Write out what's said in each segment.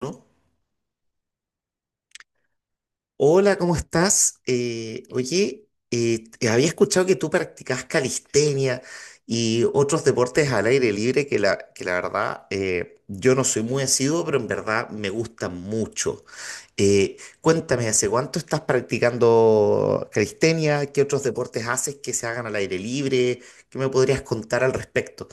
¿No? Hola, ¿cómo estás? Oye, te había escuchado que tú practicas calistenia y otros deportes al aire libre que la verdad yo no soy muy asiduo, pero en verdad me gustan mucho. Eh, Cuéntame, ¿hace cuánto estás practicando calistenia? ¿Qué otros deportes haces que se hagan al aire libre? ¿Qué me podrías contar al respecto?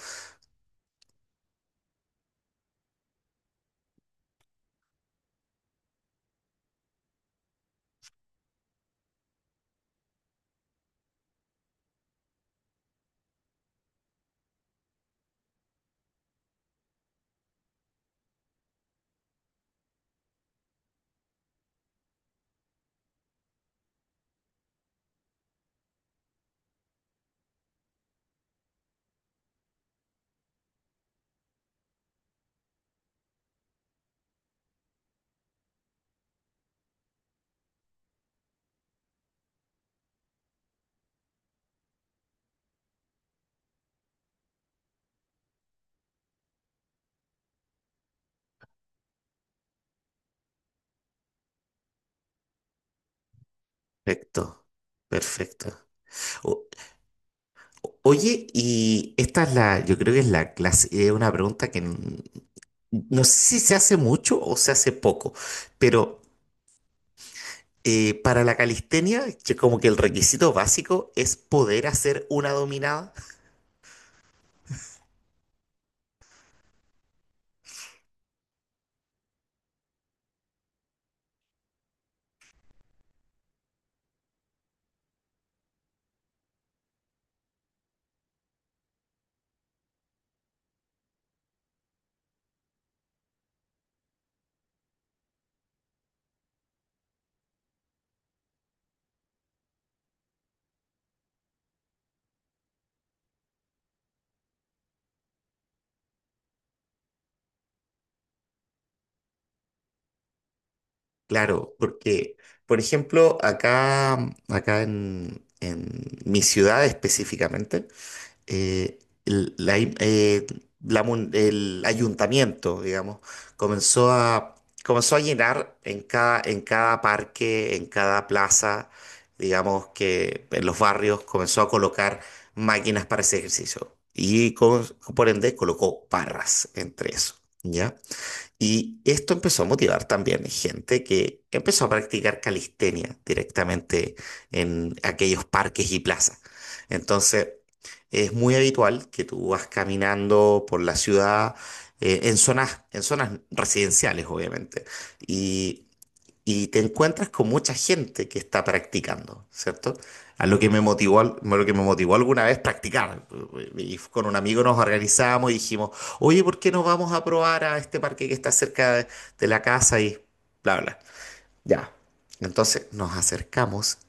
Perfecto, perfecto. O- Oye, y esta es la, yo creo que es la clase, es una pregunta no sé si se hace mucho o se hace poco, pero para la calistenia, que como que el requisito básico es poder hacer una dominada. Claro, porque, por ejemplo, acá, acá en mi ciudad específicamente, eh, el, la im- la mun- el ayuntamiento, digamos, comenzó a, comenzó a llenar en cada parque, en cada plaza, digamos que en los barrios comenzó a colocar máquinas para ese ejercicio. Por ende colocó barras entre eso, ¿ya? Y esto empezó a motivar también gente que empezó a practicar calistenia directamente en aquellos parques y plazas. Entonces, es muy habitual que tú vas caminando por la ciudad en zonas residenciales, obviamente. Y y te encuentras con mucha gente que está practicando, ¿cierto? A lo que me motivó, a lo que me motivó alguna vez practicar. Y con un amigo nos organizamos y dijimos, oye, ¿por qué no vamos a probar a este parque que está cerca de la casa? Y bla, bla. Ya. Entonces nos acercamos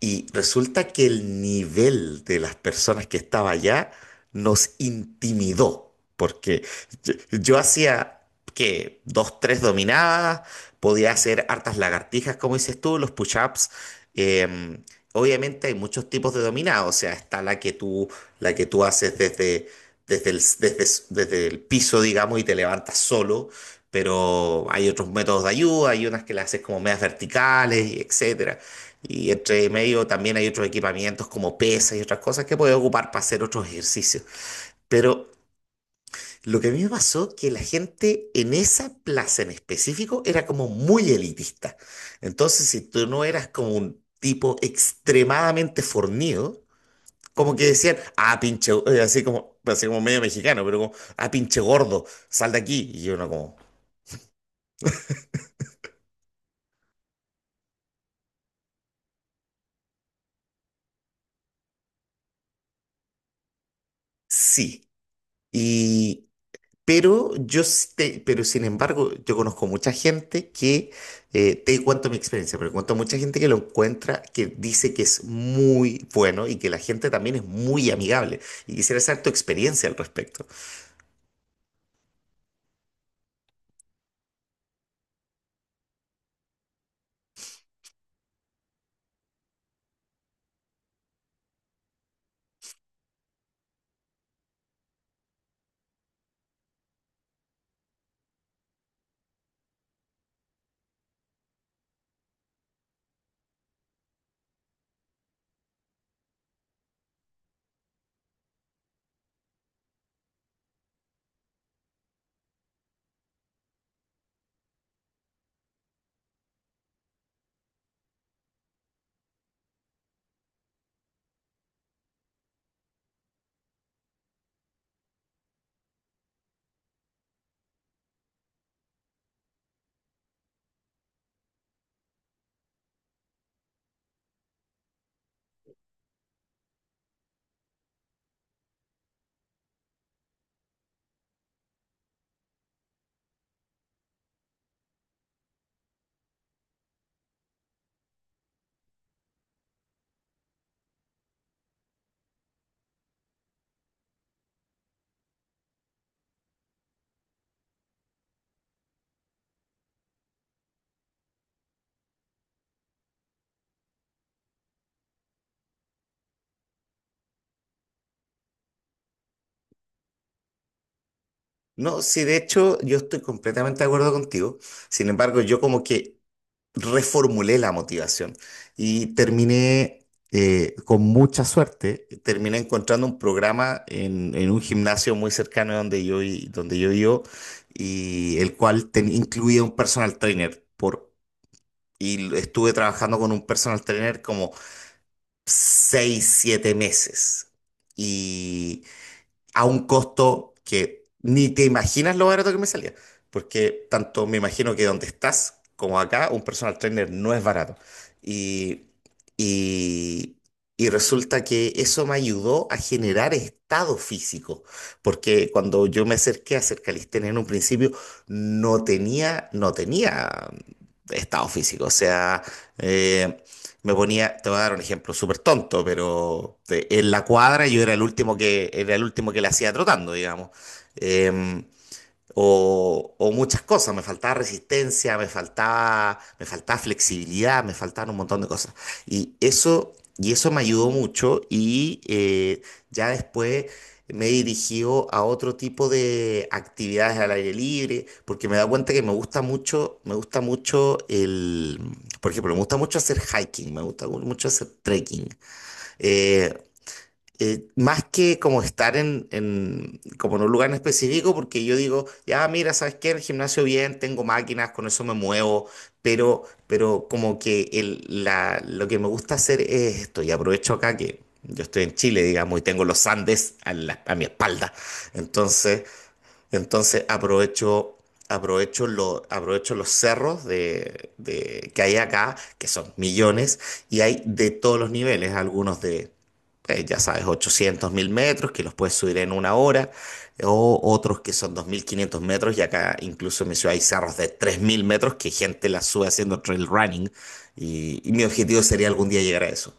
y resulta que el nivel de las personas que estaba allá nos intimidó, porque yo hacía que dos, tres dominadas, podía hacer hartas lagartijas, como dices tú, los push-ups. em, Obviamente hay muchos tipos de dominadas, o sea, está la que tú haces desde el, desde, desde el piso, digamos, y te levantas solo, pero hay otros métodos de ayuda, hay unas que las haces como medias verticales, y etcétera. Y entre medio también hay otros equipamientos como pesas y otras cosas que puedes ocupar para hacer otros ejercicios. Pero lo que a mí me pasó que la gente en esa plaza en específico era como muy elitista. Entonces, si tú no eras como un tipo extremadamente fornido, como que decían, ah, pinche, así como medio mexicano, pero como, ah, pinche gordo, sal de aquí. Y yo no como, sí. Y, pero yo, pero sin embargo, yo conozco mucha gente que, te cuento mi experiencia, pero cuento mucha gente que lo encuentra, que dice que es muy bueno y que la gente también es muy amigable. Y quisiera saber tu experiencia al respecto. No, sí, de hecho, yo estoy completamente de acuerdo contigo. Sin embargo, yo como que reformulé la motivación y terminé, con mucha suerte, terminé encontrando un programa en un gimnasio muy cercano de donde donde yo vivo, y el cual incluía un personal trainer. Por, estuve trabajando con un personal trainer como 6 7 meses. Y a un costo que ni te imaginas lo barato que me salía. Porque tanto me imagino que donde estás como acá, un personal trainer no es barato. Y, y, y resulta que eso me ayudó a generar estado físico. Porque cuando yo me acerqué a hacer calistenia en un principio, no tenía estado físico. O sea, eh, me ponía, te voy a dar un ejemplo súper tonto, pero en la cuadra yo era era el último que la hacía trotando, digamos. Em, o muchas cosas, me faltaba resistencia, me faltaba flexibilidad, me faltaban un montón de cosas. Y eso me ayudó mucho y ya después me he dirigido a otro tipo de actividades al aire libre, porque me he dado cuenta que me gusta mucho el, por ejemplo, me gusta mucho hacer hiking, me gusta mucho hacer trekking. Eh, más que como estar como en un lugar en específico, porque yo digo, ya mira, ¿sabes qué? En el gimnasio bien, tengo máquinas, con eso me muevo, pero como que lo que me gusta hacer es esto, y aprovecho acá que yo estoy en Chile, digamos, y tengo los Andes a mi espalda, entonces aprovecho, aprovecho los cerros que hay acá, que son millones, y hay de todos los niveles, algunos de, ya sabes, 800 m, que los puedes subir en 1 hora, o otros que son 2500 m, y acá incluso en mi ciudad hay cerros de 3000 m que gente la sube haciendo trail running, y mi objetivo sería algún día llegar a eso.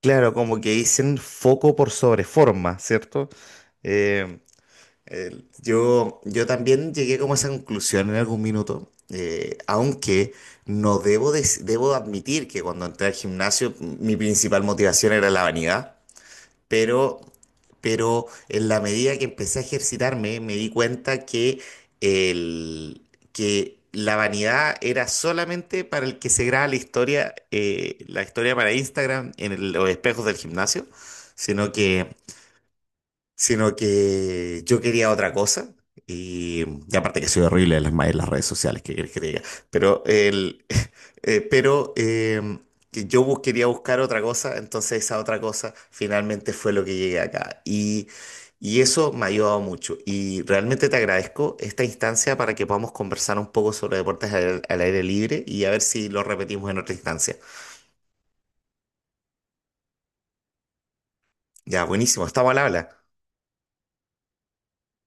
Claro, como que dicen foco por sobre forma, ¿cierto? Yo, yo también llegué como a esa conclusión en algún minuto, aunque no debo, dec- debo admitir que cuando entré al gimnasio mi principal motivación era la vanidad, pero, pero en la medida que empecé a ejercitarme me di cuenta que, el, que la vanidad era solamente para el que se graba la historia para Instagram en los espejos del gimnasio, sino que sino que yo quería otra cosa. Y, y aparte que soy horrible en en las redes sociales, que querés que te diga. Pero, eh, pero eh, que yo quería buscar otra cosa, entonces esa otra cosa finalmente fue lo que llegué acá. Y eso me ha ayudado mucho. Y realmente te agradezco esta instancia para que podamos conversar un poco sobre deportes al aire libre y a ver si lo repetimos en otra instancia. Ya, buenísimo, estamos al habla.